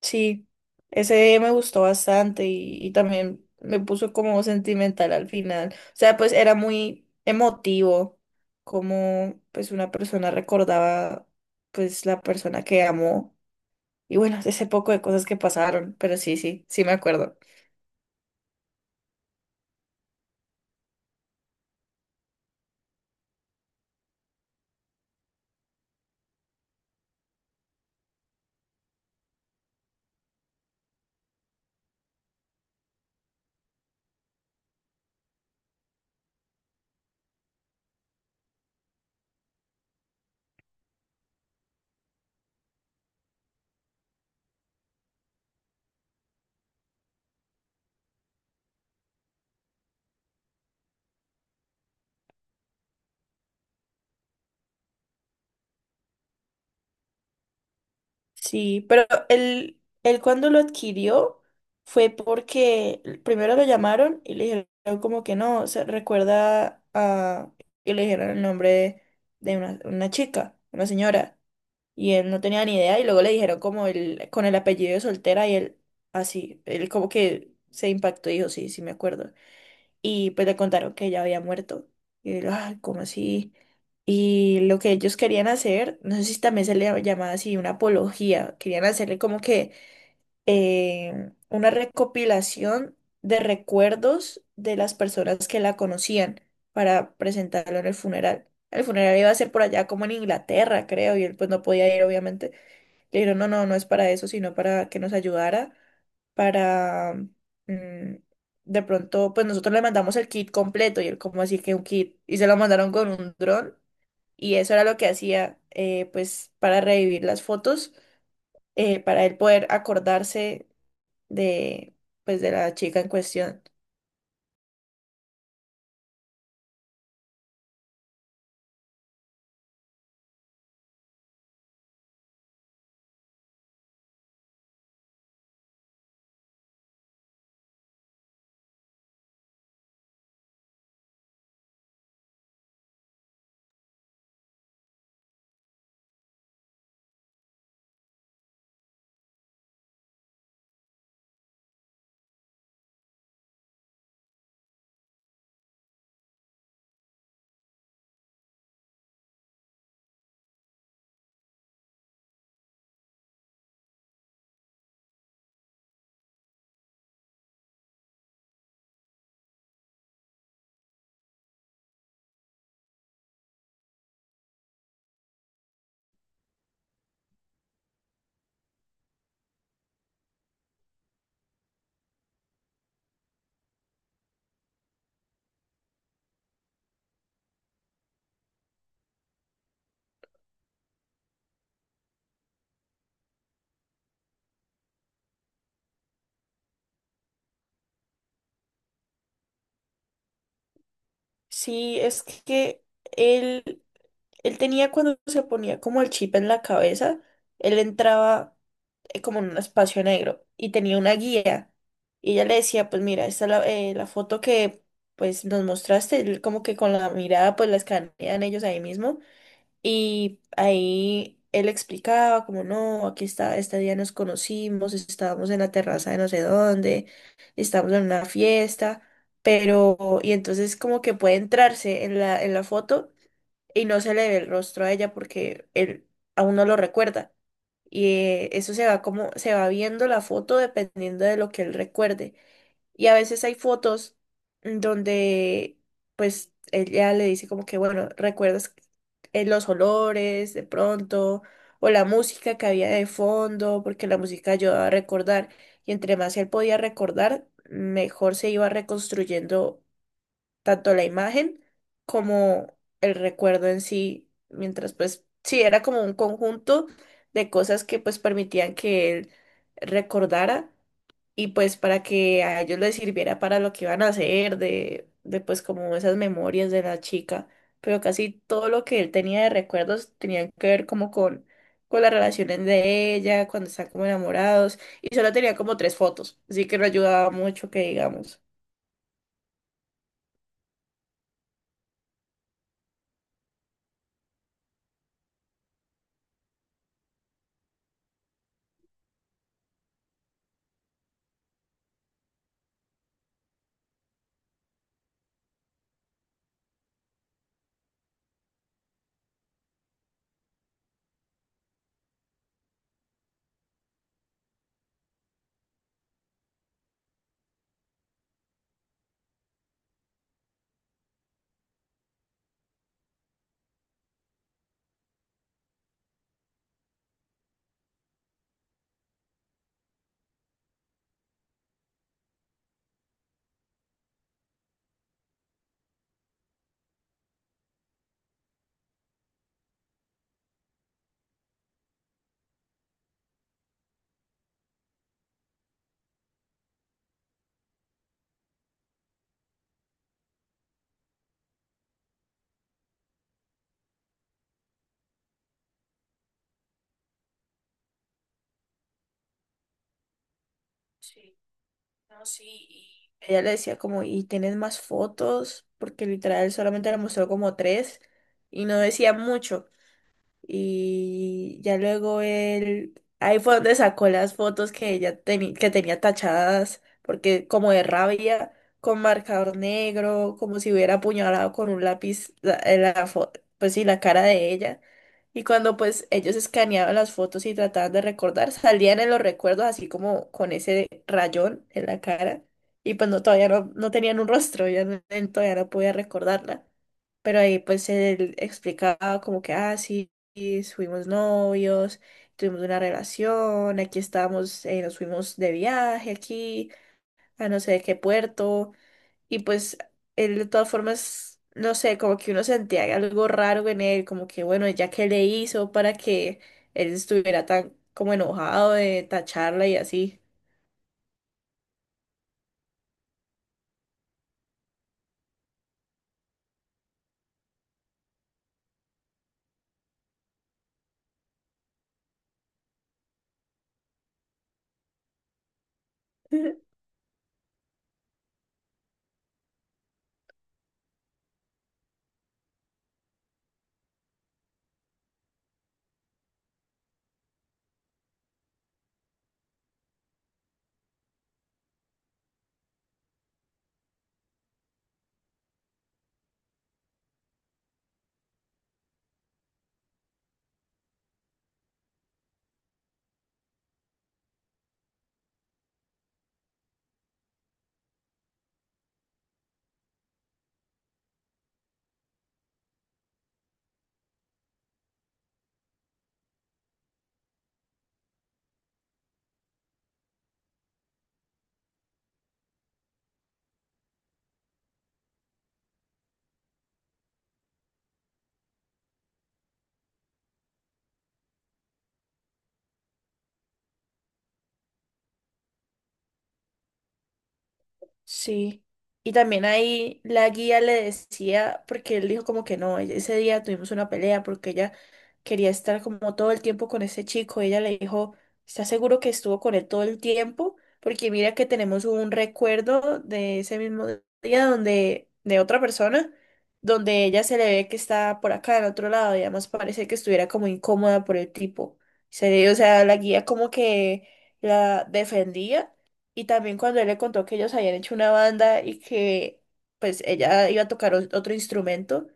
Sí, ese me gustó bastante y también me puso como sentimental al final. O sea, pues era muy emotivo como pues una persona recordaba pues la persona que amó y bueno, ese poco de cosas que pasaron, pero sí me acuerdo. Sí, pero él cuando lo adquirió fue porque primero lo llamaron y le dijeron como que no, se recuerda a... y le dijeron el nombre de una chica, una señora, y él no tenía ni idea y luego le dijeron como el, con el apellido de soltera y él así, él como que se impactó y dijo, sí me acuerdo y pues le contaron que ella había muerto. Y él, ay, ¿cómo así? Y lo que ellos querían hacer, no sé si también se le llamaba así una apología, querían hacerle como que una recopilación de recuerdos de las personas que la conocían para presentarlo en el funeral. El funeral iba a ser por allá como en Inglaterra, creo, y él pues no podía ir, obviamente. Le dijeron, no, no, no es para eso, sino para que nos ayudara, para, mm, de pronto, pues nosotros le mandamos el kit completo y él como así que un kit, y se lo mandaron con un dron y eso era lo que hacía, pues para revivir las fotos, para él poder acordarse de, pues de la chica en cuestión. Sí, es que él... Él tenía cuando se ponía como el chip en la cabeza, él entraba como en un espacio negro y tenía una guía. Y ella le decía, pues mira, esta es la, la foto que pues nos mostraste, él como que con la mirada pues la escanean ellos ahí mismo. Y ahí él explicaba como, no, aquí está, este día nos conocimos, estábamos en la terraza de no sé dónde, estábamos en una fiesta, pero, y entonces como que puede entrarse en la foto y no se le ve el rostro a ella porque él aún no lo recuerda. Y eso se va como, se va viendo la foto dependiendo de lo que él recuerde. Y a veces hay fotos donde pues ella le dice como que, bueno, ¿recuerdas los olores de pronto? O la música que había de fondo, porque la música ayudaba a recordar. Y entre más él podía recordar, mejor se iba reconstruyendo tanto la imagen como el recuerdo en sí, mientras pues sí, era como un conjunto de cosas que pues permitían que él recordara y pues para que a ellos les sirviera para lo que iban a hacer, de pues como esas memorias de la chica, pero casi todo lo que él tenía de recuerdos tenían que ver como con las relaciones de ella, cuando están como enamorados, y solo tenía como tres fotos, así que no ayudaba mucho que digamos. No, sí. y Ella le decía como, ¿y tienes más fotos? Porque literal solamente le mostró como tres y no decía mucho. Y ya luego él, ahí fue donde sacó las fotos que que tenía tachadas, porque como de rabia, con marcador negro, como si hubiera apuñalado con un lápiz la, pues sí, la cara de ella. Y cuando pues ellos escaneaban las fotos y trataban de recordar, salían en los recuerdos así como con ese rayón en la cara. Y pues no, todavía no, no tenían un rostro, ella no- él todavía no podía recordarla. Pero ahí pues él explicaba como que, ah, sí y fuimos novios, tuvimos una relación, aquí estábamos, nos fuimos de viaje aquí, a no sé de qué puerto, y pues él de todas formas, no sé, como que uno sentía algo raro en él, como que bueno, ya que le hizo para que él estuviera tan como enojado de tacharla y así. Sí. Y también ahí la guía le decía, porque él dijo como que no, e-, ese día tuvimos una pelea porque ella quería estar como todo el tiempo con ese chico. Ella le dijo, ¿estás seguro que estuvo con él todo el tiempo? Porque mira que tenemos un recuerdo de ese mismo día donde, de otra persona, donde ella se le ve que está por acá, en otro lado, y además parece que estuviera como incómoda por el tipo. Se, o sea, la guía como que la defendía y también cuando él le contó que ellos habían hecho una banda y que pues ella iba a tocar otro instrumento,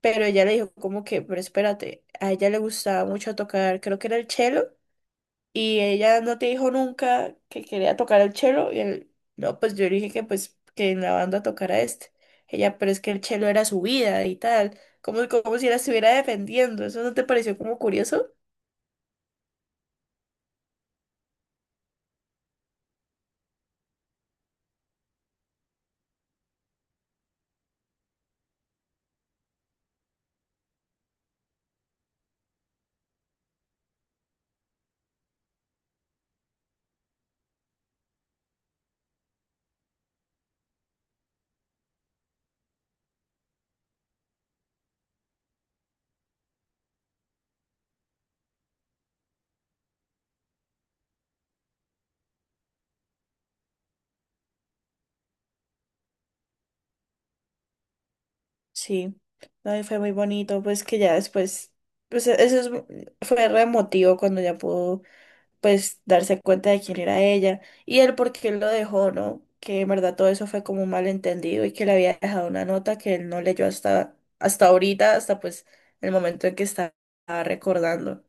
pero ella le dijo como que, pero espérate, a ella le gustaba mucho tocar, creo que era el cello, y ella no te dijo nunca que quería tocar el cello, y él, no, pues yo le dije que pues que en la banda tocara este. Ella, pero es que el cello era su vida y tal, como, como si la estuviera defendiendo, ¿eso no te pareció como curioso? Sí, no, y fue muy bonito, pues que ya después, pues e- eso es mu- fue re emotivo cuando ya pudo, pues, darse cuenta de quién era ella y el por qué él lo dejó, ¿no? Que en verdad todo eso fue como un malentendido y que le había dejado una nota que él no leyó hasta, hasta ahorita, hasta pues el momento en que estaba recordando.